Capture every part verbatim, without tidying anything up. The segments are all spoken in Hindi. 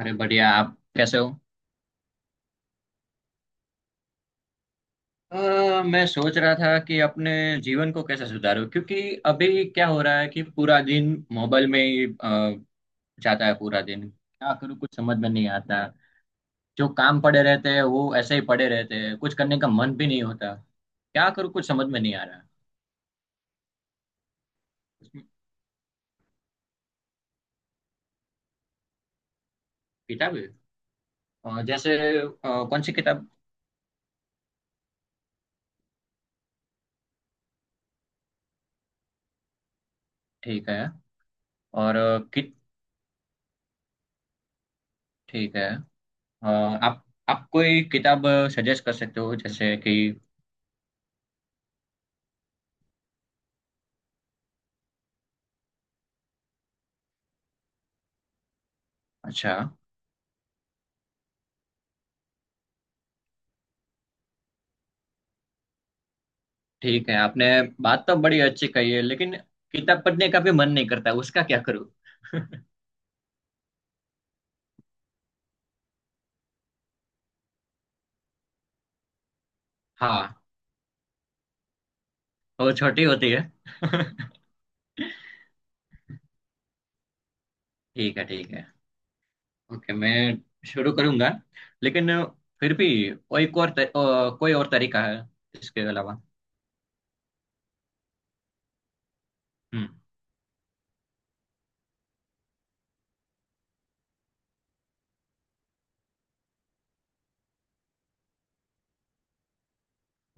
अरे बढ़िया, आप कैसे हो। अ, मैं सोच रहा था कि अपने जीवन को कैसे सुधारूं, क्योंकि अभी क्या हो रहा है कि पूरा दिन मोबाइल में ही अ, जाता है। पूरा दिन क्या करूं, कुछ समझ में नहीं आता। जो काम पड़े रहते हैं वो ऐसे ही पड़े रहते हैं, कुछ करने का मन भी नहीं होता। क्या करूं, कुछ समझ में नहीं आ रहा। उसमें। किताब है? अ, जैसे अ, कौन सी किताब? ठीक है। और अ, कित ठीक है। अ, आप आप कोई किताब सजेस्ट कर सकते हो, जैसे कि? अच्छा। ठीक है, आपने बात तो बड़ी अच्छी कही है, लेकिन किताब पढ़ने का भी मन नहीं करता, उसका क्या करूं? हाँ। वो छोटी होती है। ठीक है, ठीक है। ओके, मैं शुरू करूंगा। लेकिन फिर भी कोई और तर, अ, कोई और तरीका है इसके अलावा? हम्म।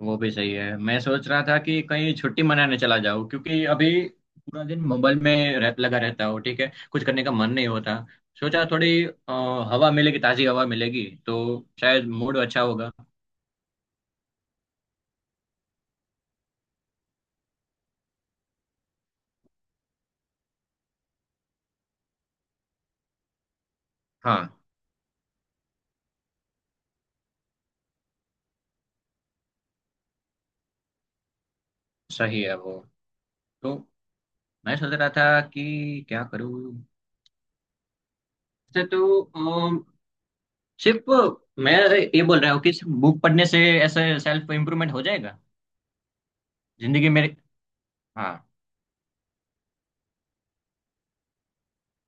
वो भी सही है, मैं सोच रहा था कि कहीं छुट्टी मनाने चला जाऊं, क्योंकि अभी पूरा दिन मोबाइल में रह, लगा रहता हूँ, ठीक है। कुछ करने का मन नहीं होता। सोचा थोड़ी अ, हवा मिलेगी, ताजी हवा मिलेगी तो शायद मूड अच्छा होगा। हाँ, सही है वो। तो मैं सोच रहा था कि क्या करूँ। वैसे तो अम, सिर्फ मैं ये बोल रहा हूँ कि सिर्फ बुक पढ़ने से ऐसे सेल्फ इम्प्रूवमेंट हो जाएगा? जिंदगी मेरी। हाँ।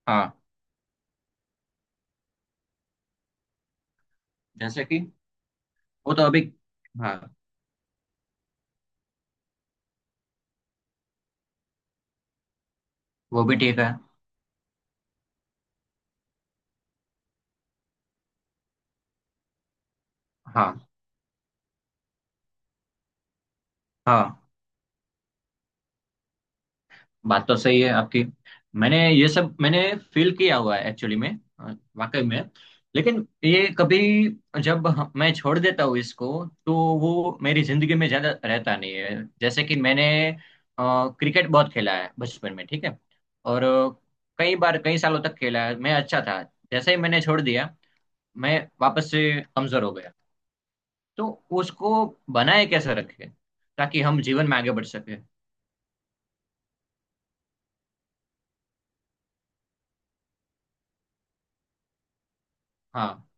हाँ, जैसे कि। वो तो अभी। हाँ, वो भी ठीक है। हाँ। हाँ, बात तो सही है आपकी। मैंने ये सब, मैंने फील किया हुआ है एक्चुअली में, अ, वाकई में। लेकिन ये कभी, जब हम- मैं छोड़ देता हूँ इसको तो वो मेरी जिंदगी में ज्यादा रहता नहीं है। जैसे कि मैंने क्रिकेट बहुत खेला है बचपन में, ठीक है। और अ, कई बार, कई सालों तक खेला है, मैं अच्छा था। जैसे ही मैंने छोड़ दिया, मैं वापस से कमजोर हो गया। तो उसको बनाए कैसे रखें ताकि हम जीवन में आगे बढ़ सके। हाँ।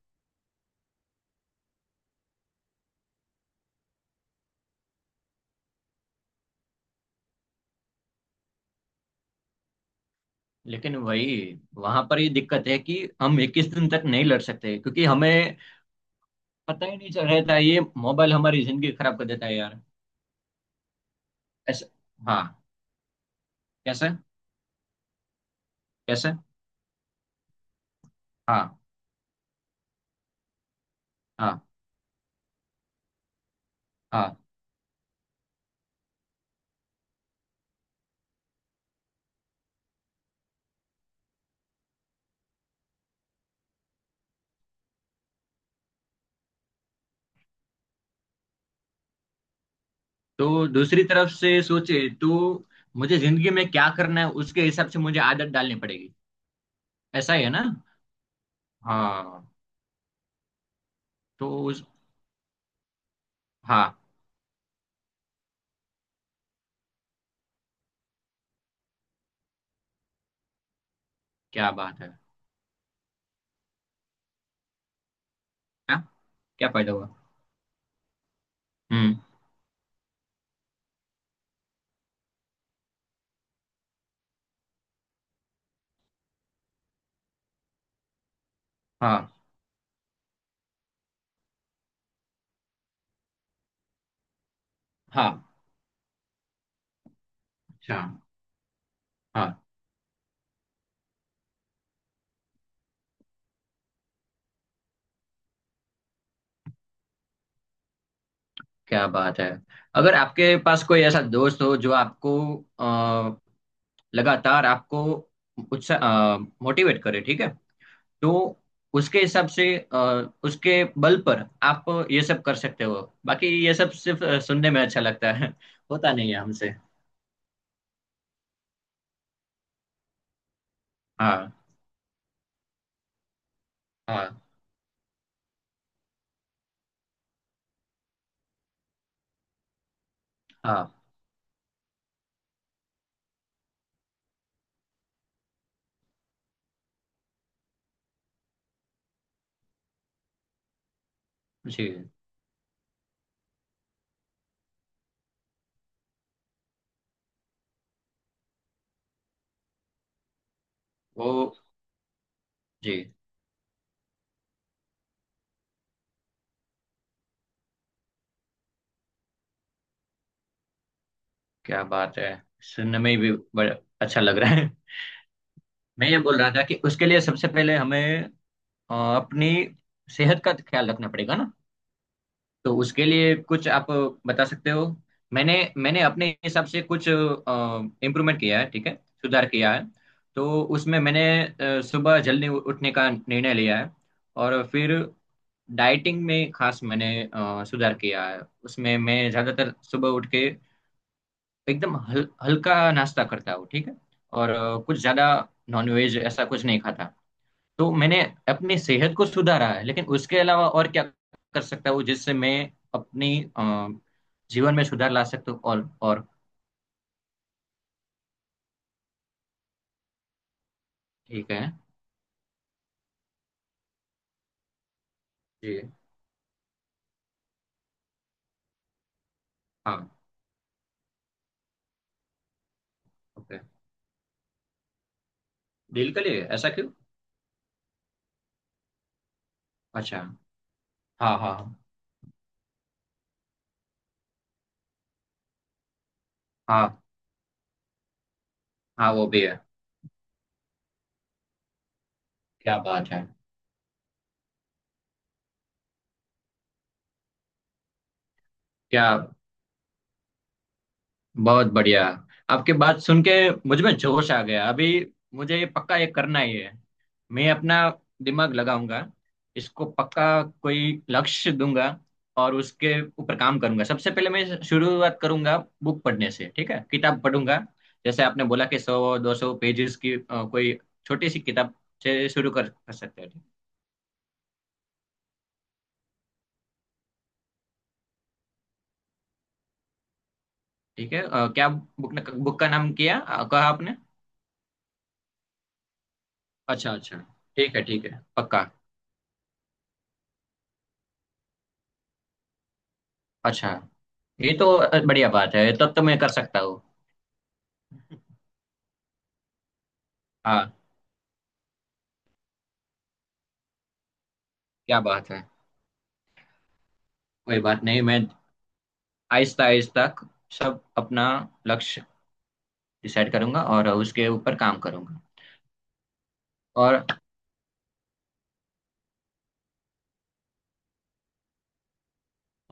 लेकिन वही वहां पर ये दिक्कत है कि हम इक्कीस दिन तक नहीं लड़ सकते, क्योंकि हमें पता ही नहीं चल रहता है, तो ये मोबाइल हमारी जिंदगी खराब कर देता है, यार। ऐसे। हाँ। कैसे, कैसे? हाँ। हाँ। हाँ। तो दूसरी तरफ से सोचे तो मुझे जिंदगी में क्या करना है उसके हिसाब से मुझे आदत डालनी पड़ेगी, ऐसा ही है ना? हाँ। तो उस। हाँ। क्या बात है। हाँ, क्या फायदा हुआ? हम्म। हाँ। हाँ। अच्छा। हाँ, क्या बात है। अगर आपके पास कोई ऐसा दोस्त हो जो आपको अ, लगातार आपको उत्साह, मोटिवेट करे, ठीक है। तो उसके हिसाब से अ, उसके बल पर आप ये सब कर सकते हो, बाकी ये सब सिर्फ अ, सुनने में अच्छा लगता है होता नहीं है हमसे। हाँ। हाँ। हाँ। जी। वो। जी, क्या बात है। सुनने में भी बड़ा अच्छा लग रहा है। मैं ये बोल रहा था कि उसके लिए सबसे पहले हमें अ, अपनी सेहत का ख्याल रखना पड़ेगा ना। तो उसके लिए कुछ आप बता सकते हो? मैंने मैंने अपने हिसाब से कुछ इम्प्रूवमेंट किया है, ठीक है, सुधार किया है। तो उसमें मैंने अ, सुबह जल्दी उ- उठने का निर्णय लिया है। और फिर डाइटिंग में खास मैंने अ, सुधार किया है, उसमें मैं ज़्यादातर सुबह उठ के एकदम हल, हल्का नाश्ता करता हूँ, ठीक है। और अ, कुछ ज़्यादा नॉनवेज ऐसा कुछ नहीं खाता। तो मैंने अपनी सेहत को सुधारा है, लेकिन उसके अलावा और क्या कर सकता हूँ जिससे मैं अपनी अ, जीवन में सुधार ला सकता हूँ? और और। ठीक है। जी। हाँ। ओके, दिल के लिए ऐसा क्यों? अच्छा। हाँ, हाँ। हाँ, हाँ वो भी है। क्या बात है। क्या बहुत बढ़िया। आपकी बात सुन के मुझ में जोश आ गया अभी। मुझे ये पक्का, ये करना ही है। मैं अपना दिमाग लगाऊंगा, इसको पक्का कोई लक्ष्य दूंगा और उसके ऊपर काम करूंगा। सबसे पहले मैं शुरुआत करूंगा बुक पढ़ने से, ठीक है, किताब पढ़ूंगा। जैसे आपने बोला कि सौ दो सौ पेजेस की अ, कोई छोटी सी किताब से शुरू कर, कर सकते हैं। ठीक है। अ, क्या बुक ने, बुक का नाम किया, अ, कहा आपने? अच्छा, अच्छा। ठीक है, ठीक है, पक्का। अच्छा। ये तो बढ़िया बात है, तब तो मैं कर सकता हूँ। हाँ, क्या बात है। कोई बात नहीं, मैं आहिस्ता आहिस्ता सब अपना लक्ष्य डिसाइड करूंगा और उसके ऊपर काम करूंगा। और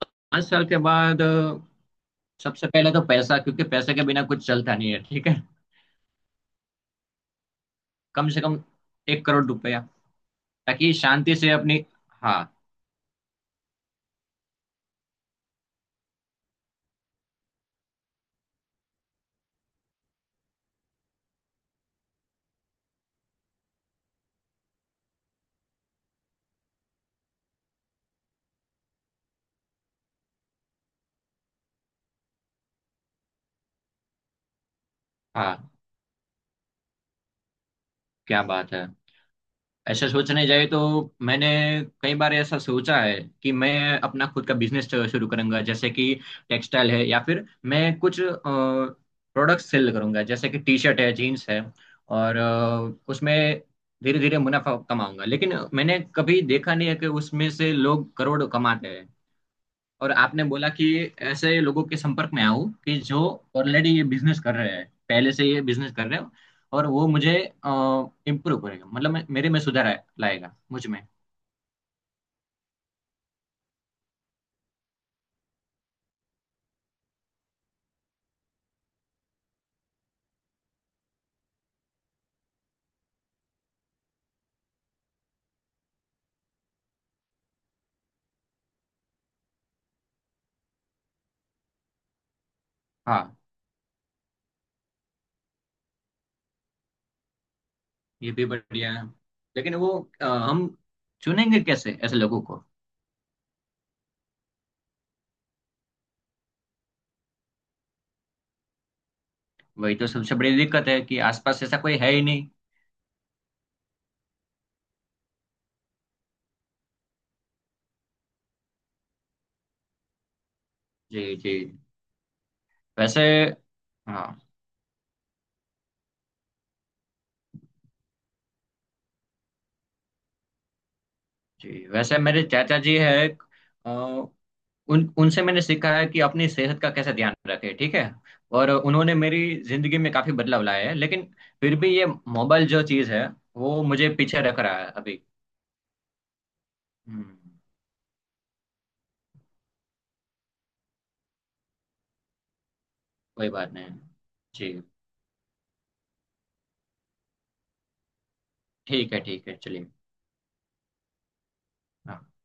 पाँच साल के बाद सबसे पहले तो पैसा, क्योंकि पैसे के बिना कुछ चलता नहीं है, ठीक है। कम से कम एक करोड़ रुपया, ताकि शांति से अपनी। हाँ। हाँ, क्या बात है। ऐसा सोचने जाए तो मैंने कई बार ऐसा सोचा है कि मैं अपना खुद का बिजनेस शुरू करूंगा, जैसे कि टेक्सटाइल है, या फिर मैं कुछ प्रोडक्ट्स सेल करूंगा, जैसे कि टी शर्ट है, जीन्स है। और अ, उसमें धीरे धीरे मुनाफा कमाऊंगा। लेकिन मैंने कभी देखा नहीं है कि उसमें से लोग करोड़ कमाते हैं। और आपने बोला कि ऐसे लोगों के संपर्क में आओ, कि जो ऑलरेडी ये बिजनेस कर रहे हैं, पहले से ये बिजनेस कर रहे हो। और वो मुझे इम्प्रूव करेगा, मतलब मैं- मेरे में सुधार आए- लाएगा, मुझ में। हाँ, ये भी बढ़िया है। लेकिन वो अ, हम चुनेंगे कैसे ऐसे लोगों को? वही तो सबसे बड़ी दिक्कत है कि आसपास ऐसा कोई है ही नहीं। जी, जी। वैसे। हाँ। जी, वैसे मेरे चाचा जी है। उन उनसे मैंने सीखा है कि अपनी सेहत का कैसे ध्यान रखें, ठीक है। और उन्होंने मेरी जिंदगी में काफी बदलाव लाए हैं। लेकिन फिर भी ये मोबाइल जो चीज है वो मुझे पीछे रख रहा है अभी। हम्म। कोई बात नहीं, जी। ठीक है, ठीक है, चलिए। हाँ।